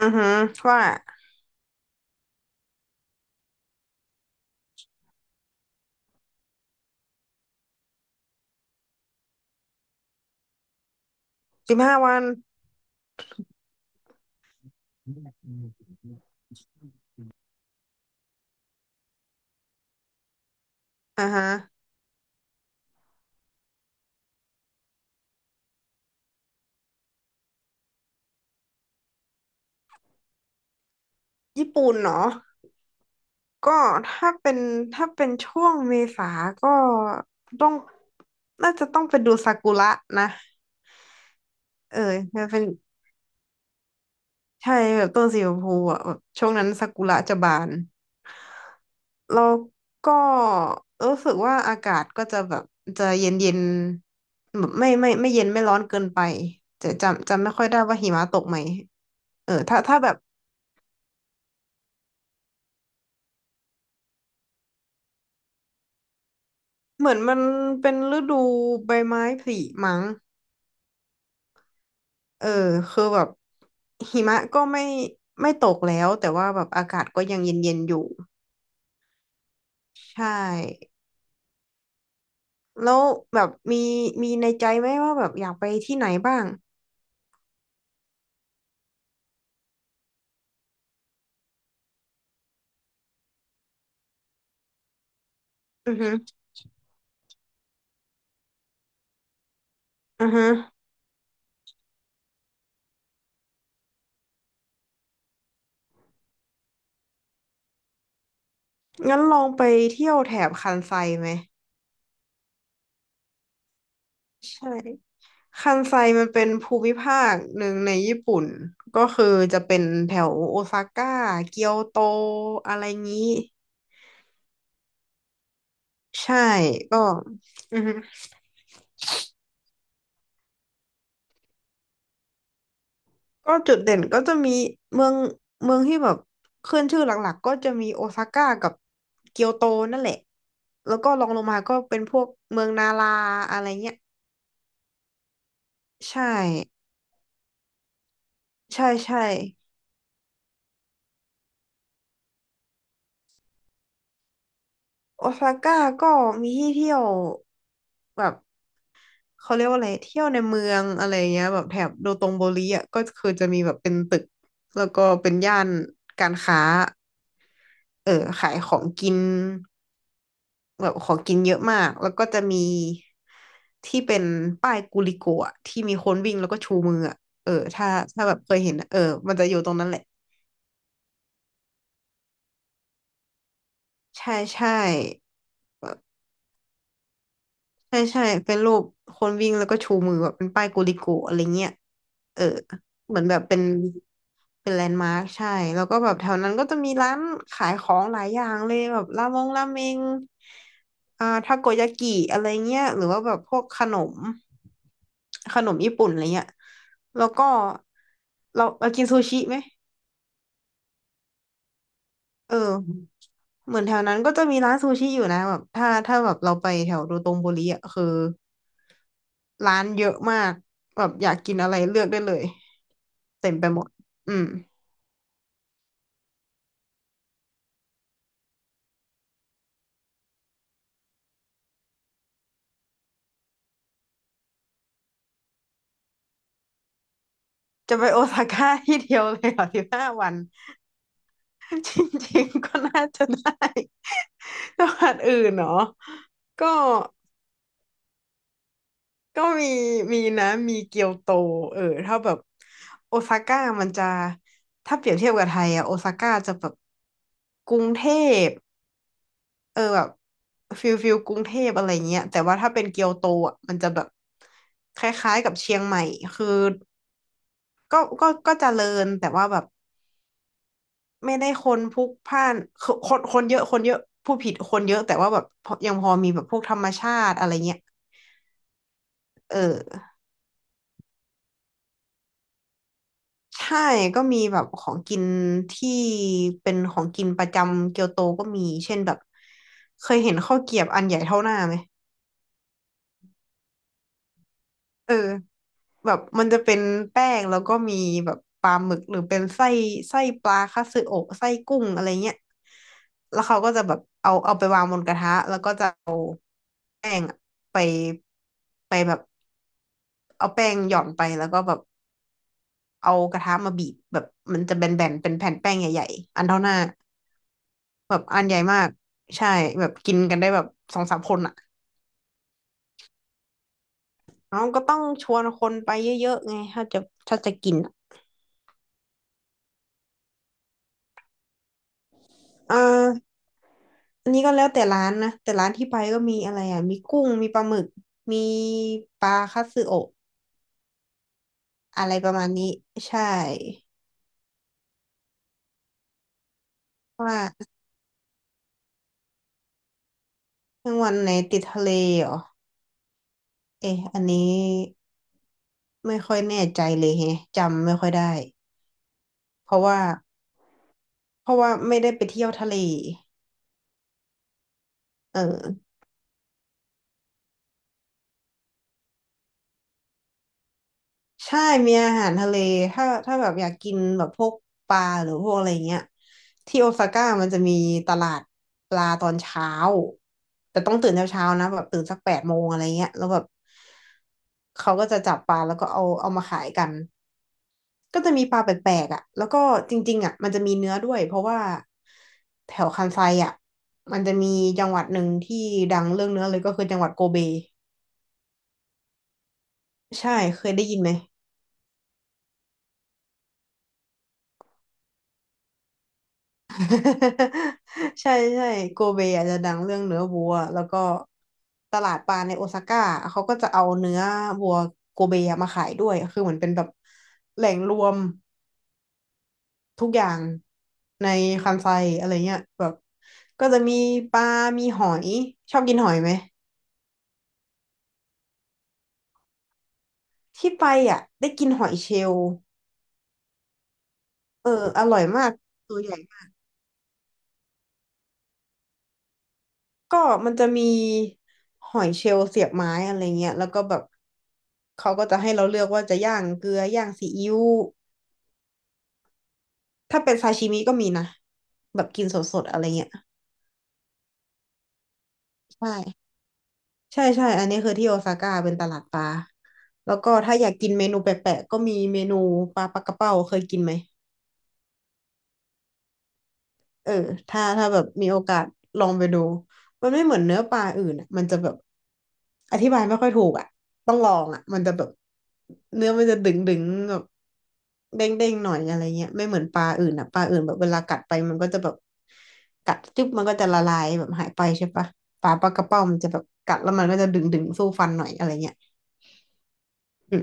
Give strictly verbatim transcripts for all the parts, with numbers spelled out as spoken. อือฮึว่าสิบห้าวันอ่าฮะญี่ปุ่นเนาะก็ถ้าเป็นถ้าเป็นช่วงเมษาก็ต้องน่าจะต้องไปดูซากุระนะเออมันเป็นใช่แบบต้นสีชมพูอ่ะแบบช่วงนั้นซากุระจะบานแล้วก็รู้สึกว่าอากาศก็จะแบบจะเย็นเย็นแบบไม่ไม่ไม่เย็นไม่ร้อนเกินไปจะจำจำไม่ค่อยได้ว่าหิมะตกไหมเออถ้าถ้าแบบ เหมือนมันเป็นฤดูใบไม้ผลิมั้งเออคือแบบหิมะก็ไม่ไม่ตกแล้วแต่ว่าแบบอากาศก็ยังเย็นๆอยู่ ใช่ แล้วแบบมีมีในใจไหมว่าแบบอยากไปที่ไหนบ้าง อือฮึอือฮึงั้นลองไปเที่ยวแถบคันไซไหม ใช่คันไซมันเป็นภูมิภาคหนึ่งในญี่ปุ่น ก็คือจะเป็นแถวโอซาก้าเกียวโตอะไรงี้ ใช่ ก็อือฮึ ก็จุดเด่นก็จะมีเมืองเมืองที่แบบขึ้นชื่อหลักๆก็จะมีโอซาก้ากับเกียวโตนั่นแหละแล้วก็รองลงมาก็เป็นพวกเมืองนาราอะไรเงี้ยใช่ใช่ใช่โอซาก้าก็มีที่เที่ยวแบบเขาเรียกว่าอะไรเที่ยวในเมืองอะไรเงี้ยแบบแถบโดโตงโบริอ่ะก็คือจะมีแบบเป็นตึกแล้วก็เป็นย่านการค้าเออขายของกิน แบบของกินเยอะมาก แล้วก็จะมีที่เป็นป้ายกูลิโกะอะที่มีคนวิ่งแล้วก็ชูมืออะเออถ้าถ้าแบบเคยเห็นอะเออมันจะอยู่ตรงนั้นแหละใช่ใช่ใช่ใช่เป็นรูปคนวิ่งแล้วก็ชูมือแบบเป็นป้ายกูลิโกะอะไรเงี้ยเออเหมือนแบบเป็นเป็นแลนด์มาร์คใช่ แล้วก็แบบแถวนั้นก็จะมีร้านขายของหลายอย่างเลยแบบรามงราเมงอ่าทาโกยากิอะไรเงี้ยหรือว่าแบบพวกขนม ขนมญี่ปุ่นอะไรเงี้ยแล้วก็เราเรากินซูชิไหมเออเหมือนแถวนั้นก็จะมีร้านซูชิอยู่นะแบบถ้าถ้าแบบเราไปแถวโดโตงบุรีอ่ะคือร้านเยอะมากแบบอยากกินอะไรเลือกได้เลยเต็มไปหมด อืม จะไปโอซาก้าที่เดียวเลยเหรอสิบห้าวัน จริงๆก็น่าจะได้ จังหวัดอื่นเนาะก็ ก็มีมีนะมีเกียวโตเออถ้าแบบโอซาก้ามันจะถ้าเปรียบเทียบกับไทยอะโอซาก้าจะแบบกรุงเทพเออแบบฟิลฟิลกรุงเทพอะไรเงี้ยแต่ว่าถ้าเป็นเกียวโตอะมันจะแบบคล้ายๆกับเชียงใหม่คือก็ก็ก็เจริญแต่ว่าแบบไม่ได้คนพลุกพล่านคือคนคนเยอะคนเยอะผู้ผิดคนเยอะแต่ว่าแบบพอยังพอมีแบบพวกธรรมชาติอะไรเงี้ยเออ ใช่ก็มีแบบของกินที่เป็นของกินประจำเกียวโตก็มีเช่นแบบเคยเห็นข้าวเกรี๊ยบอันใหญ่เท่าหน้าไหมเออแบบมันจะเป็นแป้งแล้วก็มีแบบปลาหมึกหรือเป็นไส้ไส้ปลาคัตสึโอะไส้กุ้งอะไรเงี้ยแล้วเขาก็จะแบบเอาเอาไปวางบนกระทะแล้วก็จะเอาแป้งอะไปไปแบบเอาแป้งหย่อนไปแล้วก็แบบเอากระทะมาบีบแบบมันจะแบนๆเป็นแผ่นแป้งใหญ่ๆอันเท่าหน้า แบบอันใหญ่มากใช่แบบกินกันได้แบบสองสามคนอ่ะน้องก็ต้องชวนคนไปเยอะๆไงถ้าจะถ้าจะกินอะอ่าอันนี้ก็แล้วแต่ร้านนะแต่ร้านที่ไปก็มีอะไรอ่ะมีกุ้งมีปลาหมึกมีปลาคัตสึโอะอะไรประมาณนี้ใช่ว่าจังหวัดไหนติดทะเลเหรอเอ๊ะอันนี้ไม่ค่อยแน่ใจเลยแฮะจำไม่ค่อยได้เพราะว่าเพราะว่าไม่ได้ไปเที่ยวทะเลเออ ใช่ มีอาหารทะเล ถ้าถ้าแบบอยากกินแบบพวกปลาหรือพวกอะไรเงี้ยที่โอซาก้ามันจะมีตลาดปลาตอนเช้าแต่ต้องตื่นเช้าๆนะแบบตื่นสักแปดโมงอะไรเงี้ยแล้วแบบเขาก็จะจับปลาแล้วก็เอาเอามาขายกันก็จะมีปลาแปลกๆอ่ะแล้วก็จริงๆอ่ะมันจะมีเนื้อด้วยเพราะว่าแถวคันไซอ่ะมันจะมีจังหวัดหนึ่งที่ดังเรื่องเนื้อเลยก็คือจังหวัดโกเบใช่เคยได้ยินไหม ใช่ใช่โกเบอาจจะดังเรื่องเนื้อวัวแล้วก็ตลาดปลาในโอซาก้าเขาก็จะเอาเนื้อวัวโกเบมาขายด้วยคือเหมือนเป็นแบบแหล่งรวมทุกอย่างในคันไซอะไรเงี้ยแบบก็จะมีปลามีหอยชอบกินหอยไหมที่ไปอ่ะได้กินหอยเชลล์เอออร่อยมากตัวใหญ่ ก็มันจะมีหอยเชลล์เสียบไม้อะไรเงี้ยแล้วก็แบบเขาก็จะให้เราเลือกว่าจะย่างเกลือย่างซีอิ๊วถ้าเป็นซาชิมิก็มีนะแบบกินสดๆอะไรเงี้ยใช่ใช่ใช่อันนี้คือที่โอซาก้าเป็นตลาดปลาแล้วก็ถ้าอยากกินเมนูแปลกๆก็มีเมนูปลาปลากระเป้าเคยกินไหม เออถ้าถ้าแบบมีโอกาสลองไปดูมันไม่เหมือนเนื้อปลาอื่นอะมันจะแบบอธิบายไม่ค่อยถูกอ่ะต้องลองอ่ะมันจะแบบเนื้อมันจะดึงดึงแบบเด้งเด้งหน่อยอะไรเงี้ยไม่เหมือนปลาอื่นอ่ะปลาอื่นแบบเวลากัดไปมันก็จะแบบกัดจุ๊บมันก็จะละลายแบบหายไปใช่ปะปลาปลากระเป้ามันจะแบบกัดแล้วมันก็จะดึงดึงสู้ฟันหน่อยอะไรเงี้ยอืม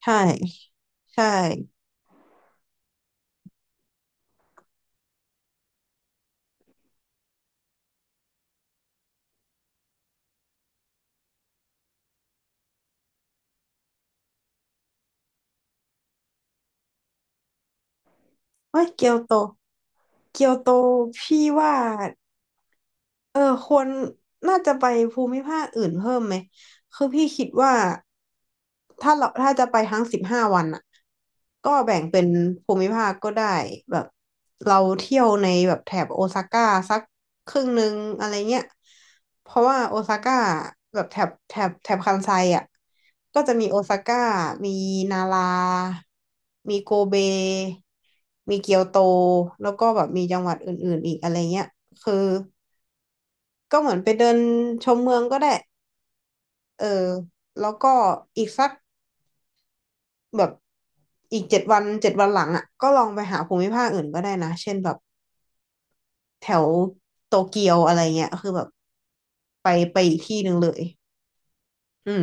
ใช่ใช่เฮ้ยเกียวโตเกียวโตพี่ว่า เออควรน่าจะไปภูมิภาคอื่นเพิ่มไหมคือพี่คิดว่าถ้าเราถ้าจะไปทั้งสิบห้าวันอ่ะก็แบ่งเป็นภูมิภาคก็ได้แบบเราเที่ยวในแบบแถบโอซาก้าสักครึ่งหนึ่งอะไรเงี้ยเพราะว่าโอซาก้าแบบแถบแถบแถบคันไซอ่ะก็จะมีโอซาก้ามีนารามีโกเบมีเกียวโตแล้วก็แบบมีจังหวัดอื่นๆอีกอะไรเงี้ยคือ ก็เหมือนไปเดินชมเมืองก็ได้เออแล้วก็อีกสักแบบอีกเจ็ดวันเจ็ดวันหลังอ่ะก็ลองไปหาภูมิภาคอื่นก็ได้นะ เช่นแบบแถวโตเกียวอะไรเงี้ยคือแบบไปไปอีกที่หนึ่งเลยอืม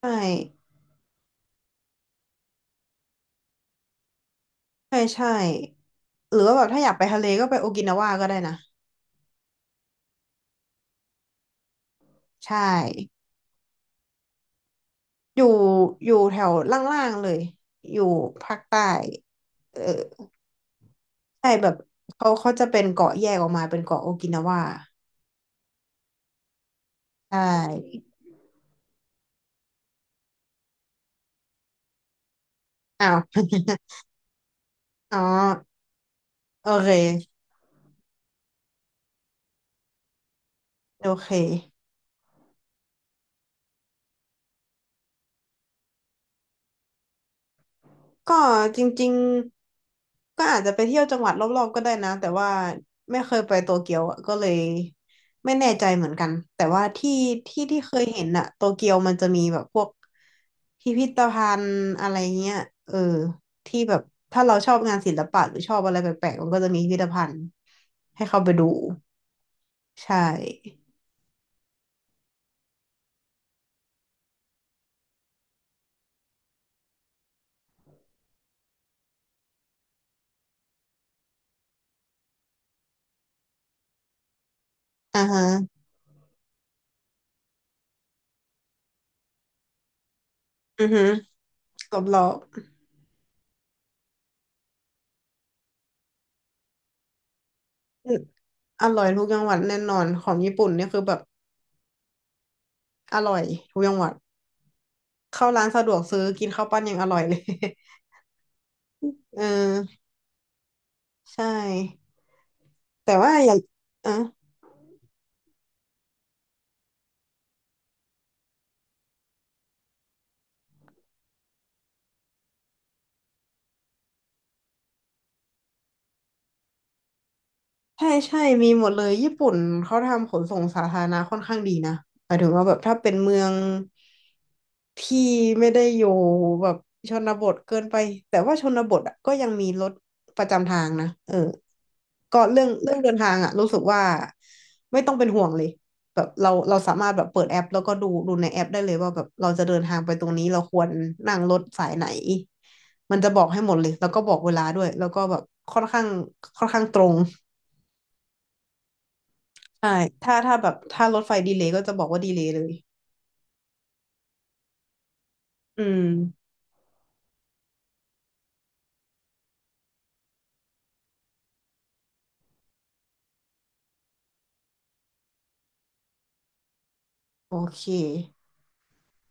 ใช่ใช่ใช่หรือว่าแบบถ้าอยากไปทะเลก็ไปโอกินาวาก็ได้นะใช่อยู่อยู่แถวล่างๆเลยอยู่ภาคใต้เออใช่แบบเขาเขาจะเป็นเกาะแยกออกมาเป็นเกาะโอกินาวาใช่ อ้าว อ๋อ โอเค โอเค ก็จริงๆ ก็อาจจะไปเที่ยวจังหวัดรอบๆก็ได้นะ แต่ว่าไม่เคยไปโตเกียวอะก็เลยไม่แน่ใจเหมือนกัน แต่ว่าที่ที่ที่เคยเห็นอะโตเกียวมันจะมีแบบพวกพิพิธภัณฑ์อะไรเงี้ยเออที่แบบถ้าเราชอบงานศิลปะหรือชอบอะไรแปลกๆมันก็จะมีพิพิธภัณฑ์ให้เข้าไปดู ใช่อ่าฮะอือฮึรอบๆ อร่อยทุกจังหวัดแน่นอนของญี่ปุ่นเนี่ยคือแบบอร่อยทุกจังหวัดเข้าร้านสะดวกซื้อกินข้าวปั้นยังอร่อยเลย เออใช่แต่ว่าอย่างอ่ะ ใช่ใช่มีหมดเลยญี่ปุ่นเขาทำขนส่งสาธารณะค่อนข้างดีนะหมายถึงว่าแบบถ้าเป็นเมืองที่ไม่ได้อยู่แบบชนบทเกินไปแต่ว่าชนบทอะก็ยังมีรถประจำทางนะเออก็เรื่องเรื่องเดินทางอะรู้สึกว่าไม่ต้องเป็นห่วงเลยแบบเราเราสามารถแบบเปิดแอปแล้วก็ดูดูในแอปได้เลยว่าแบบเราจะเดินทางไปตรงนี้เราควรนั่งรถสายไหนมันจะบอกให้หมดเลยแล้วก็บอกเวลาด้วยแล้วก็แบบค่อนข้างค่อนข้างตรง ใช่ถ้าถ้าแบบถ้ารถไฟดีเลย์ก็จะบอกว่าดีเลย์เลยอืม โอเค